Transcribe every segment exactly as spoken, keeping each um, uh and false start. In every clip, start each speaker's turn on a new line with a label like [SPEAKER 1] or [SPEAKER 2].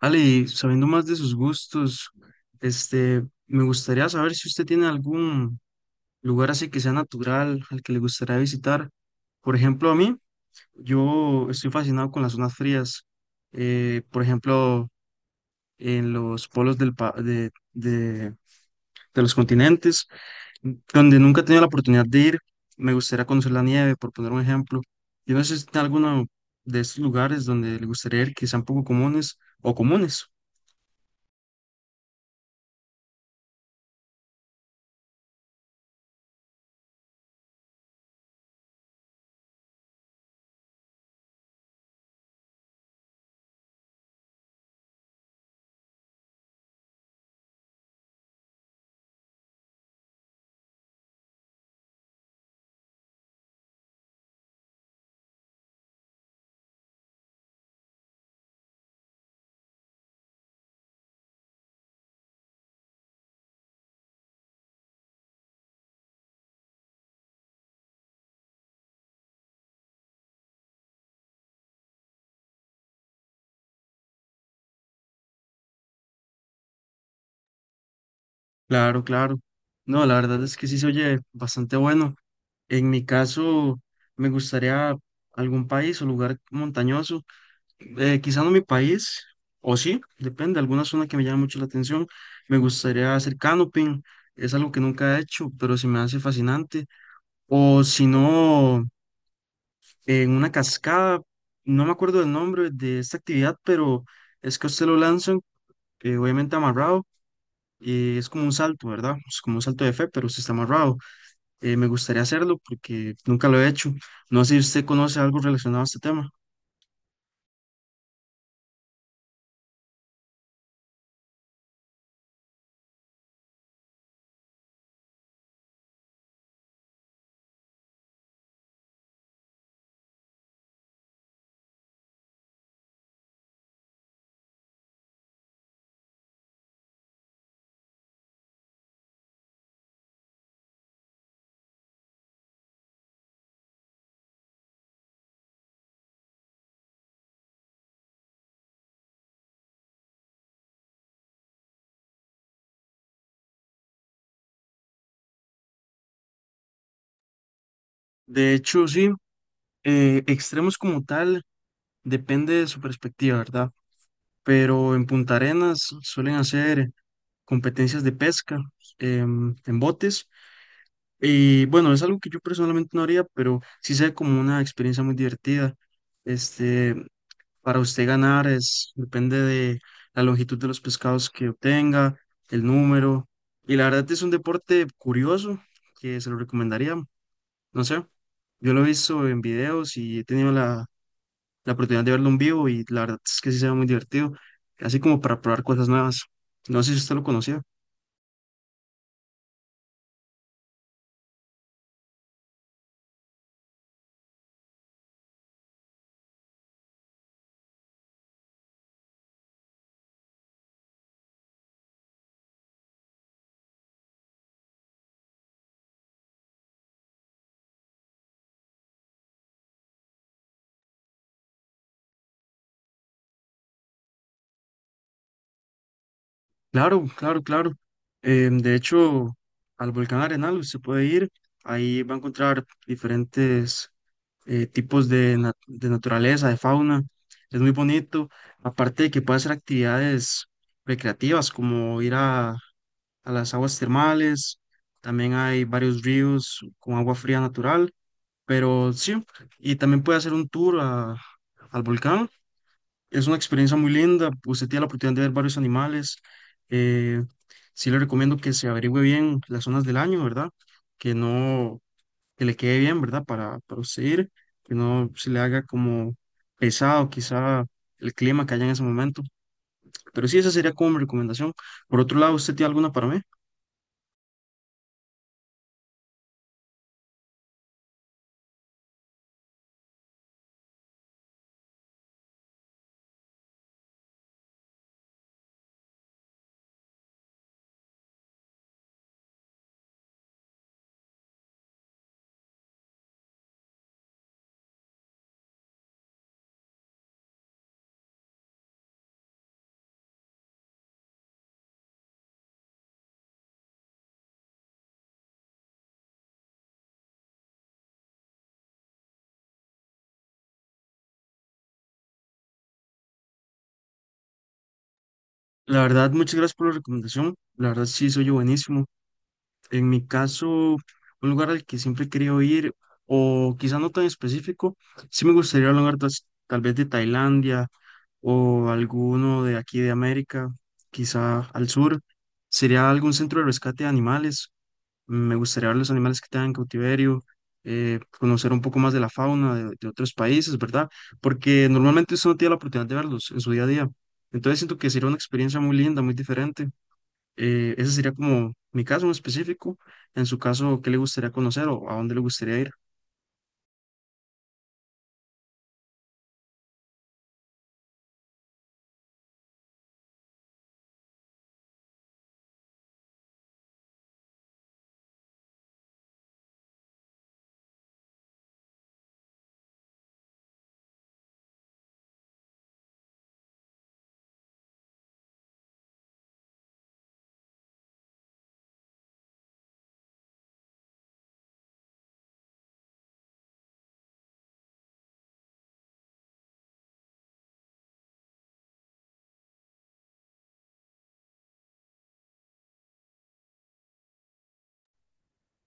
[SPEAKER 1] Ale, y sabiendo más de sus gustos, este, me gustaría saber si usted tiene algún lugar así que sea natural al que le gustaría visitar. Por ejemplo, a mí, yo estoy fascinado con las zonas frías. Eh, por ejemplo, en los polos del pa- de, de- de- los continentes, donde nunca he tenido la oportunidad de ir, me gustaría conocer la nieve, por poner un ejemplo. Yo no sé si tiene alguno de estos lugares donde le gustaría ir que sean poco comunes o comunes. Claro, claro. No, la verdad es que sí se oye bastante bueno. En mi caso, me gustaría algún país o lugar montañoso. Eh, quizá no mi país, o sí, depende, alguna zona que me llame mucho la atención. Me gustaría hacer canoping, es algo que nunca he hecho, pero se me hace fascinante. O si no, en una cascada, no me acuerdo del nombre de esta actividad, pero es que a usted lo lanzan, eh, obviamente amarrado, y es como un salto, ¿verdad? Es como un salto de fe, pero usted está amarrado. Eh, me gustaría hacerlo porque nunca lo he hecho. No sé si usted conoce algo relacionado a este tema. De hecho, sí, eh, extremos como tal depende de su perspectiva, ¿verdad? Pero en Punta Arenas suelen hacer competencias de pesca em, en botes. Y bueno, es algo que yo personalmente no haría, pero sí sé como una experiencia muy divertida. Este, Para usted ganar es, depende de la longitud de los pescados que obtenga, el número. Y la verdad es un deporte curioso que se lo recomendaría. No sé, yo lo he visto en videos y he tenido la, la oportunidad de verlo en vivo y la verdad es que sí se ve muy divertido, así como para probar cosas nuevas. No sé si usted lo conocía. Claro, claro, claro. Em, de hecho, al volcán Arenal usted puede ir, ahí va a encontrar diferentes eh, tipos de, na- de naturaleza, de fauna. Es muy bonito. Aparte de que puede hacer actividades recreativas como ir a, a las aguas termales. También hay varios ríos con agua fría natural. Pero sí, y también puede hacer un tour a- al volcán. Es una experiencia muy linda. Usted tiene la oportunidad de ver varios animales. Eh, sí le recomiendo que se averigüe bien las zonas del año, ¿verdad? Que no que le quede bien, ¿verdad? Para, para usted ir, que no se le haga como pesado quizá el clima que haya en ese momento. Pero sí, esa sería como mi recomendación. Por otro lado, ¿usted tiene alguna para mí? La verdad, muchas gracias por la recomendación. La verdad, sí, soy yo buenísimo. En mi caso, un lugar al que siempre he querido ir, o quizá no tan específico, sí me gustaría un lugar tas- tal vez de Tailandia o alguno de aquí de América, quizá al sur. Sería algún centro de rescate de animales. Me gustaría ver los animales que tengan en cautiverio, eh, conocer un poco más de la fauna de, de otros países, ¿verdad? Porque normalmente usted no tiene la oportunidad de verlos en su día a día. Entonces siento que sería una experiencia muy linda, muy diferente. Eh, ese sería como mi caso en específico. En su caso, ¿qué le gustaría conocer o a dónde le gustaría ir?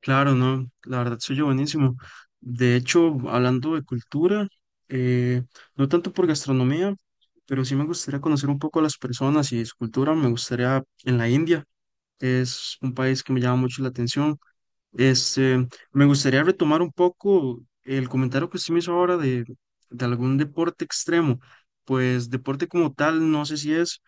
[SPEAKER 1] Claro, no, la verdad soy yo buenísimo. De hecho, hablando de cultura, eh, no tanto por gastronomía, pero sí me gustaría conocer un poco a las personas y su cultura. Me gustaría en la India. Es un país que me llama mucho la atención. Este, Me gustaría retomar un poco el comentario que usted me hizo ahora de, de algún deporte extremo. Pues deporte como tal, no sé si es,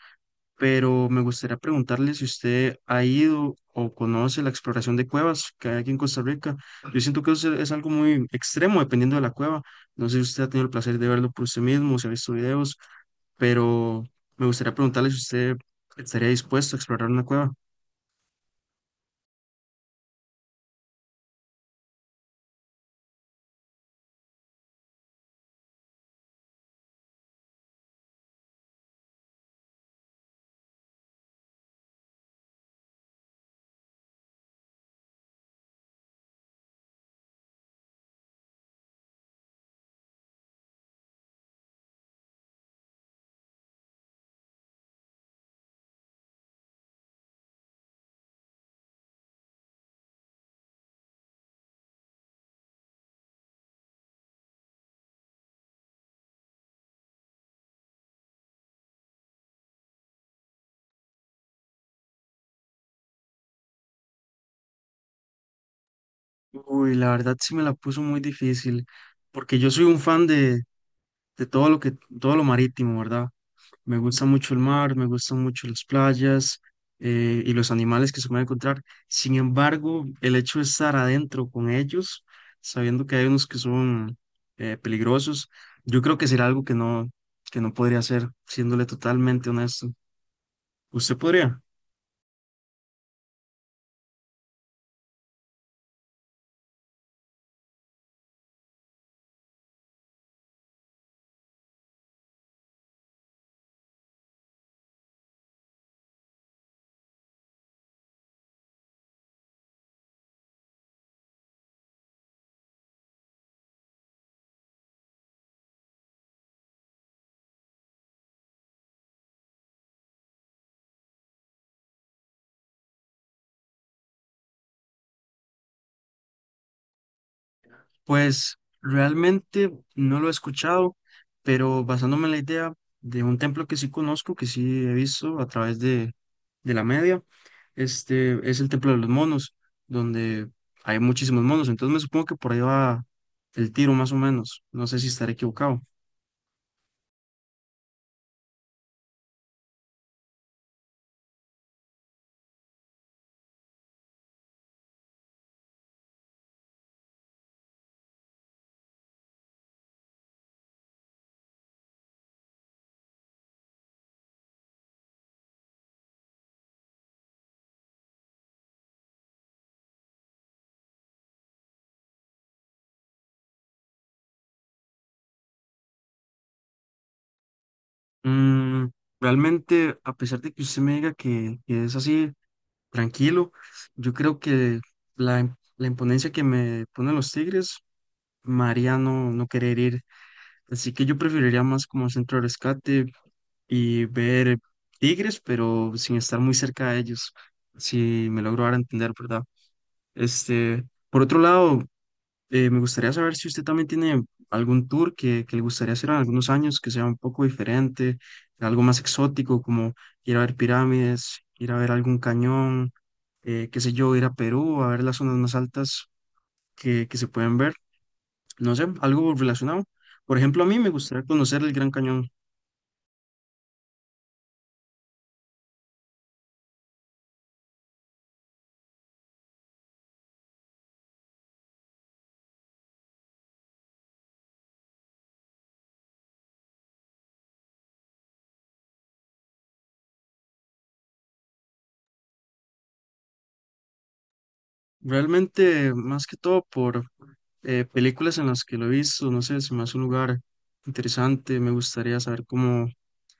[SPEAKER 1] pero me gustaría preguntarle si usted ha ido o conoce la exploración de cuevas que hay aquí en Costa Rica. Yo siento que eso es algo muy extremo dependiendo de la cueva. No sé si usted ha tenido el placer de verlo por usted mismo, si ha visto videos, pero me gustaría preguntarle si usted estaría dispuesto a explorar una cueva. Uy, la verdad sí me la puso muy difícil, porque yo soy un fan de, de todo lo que, todo lo marítimo, ¿verdad? Me gusta mucho el mar, me gustan mucho las playas. Eh, y los animales que se pueden encontrar. Sin embargo, el hecho de estar adentro con ellos, sabiendo que hay unos que son eh, peligrosos, yo creo que será algo que no, que no podría hacer, siéndole totalmente honesto. ¿Usted podría? Pues realmente no lo he escuchado, pero basándome en la idea de un templo que sí conozco, que sí he visto a través de, de la media, este es el Templo de los Monos, donde hay muchísimos monos. Entonces me supongo que por ahí va el tiro más o menos. No sé si estaré equivocado. Mm, realmente, a pesar de que usted me diga que, que es así, tranquilo, yo creo que la, im- la imponencia que me ponen los tigres, María no, no querer ir. Así que yo preferiría más como centro de rescate y ver tigres, pero sin estar muy cerca de ellos, si me logro dar a entender, ¿verdad? Este, por otro lado, eh, me gustaría saber si usted también tiene algún tour que, que le gustaría hacer en algunos años, que sea un poco diferente, algo más exótico, como ir a ver pirámides, ir a ver algún cañón, eh, qué sé yo, ir a Perú, a ver las zonas más altas que, que se pueden ver, no sé, algo relacionado. Por ejemplo, a mí me gustaría conocer el Gran Cañón. Realmente, más que todo por eh, películas en las que lo he visto, no sé, se me hace un lugar interesante, me gustaría saber cómo,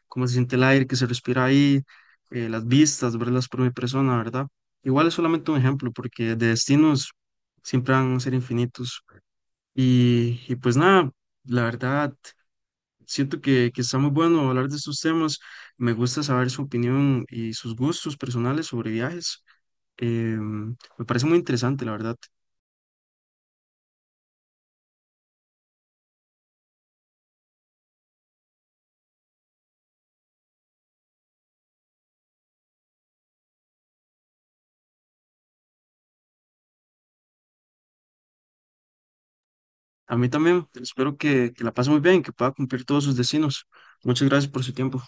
[SPEAKER 1] cómo se siente el aire que se respira ahí, eh, las vistas, verlas por mi persona, ¿verdad? Igual es solamente un ejemplo, porque de destinos siempre van a ser infinitos. Y, y pues nada, la verdad, siento que, que está muy bueno hablar de estos temas, me gusta saber su opinión y sus gustos personales sobre viajes. Em, me parece muy interesante, la verdad. A mí también, espero que, que la pase muy bien, que pueda cumplir todos sus destinos. Muchas gracias por su tiempo.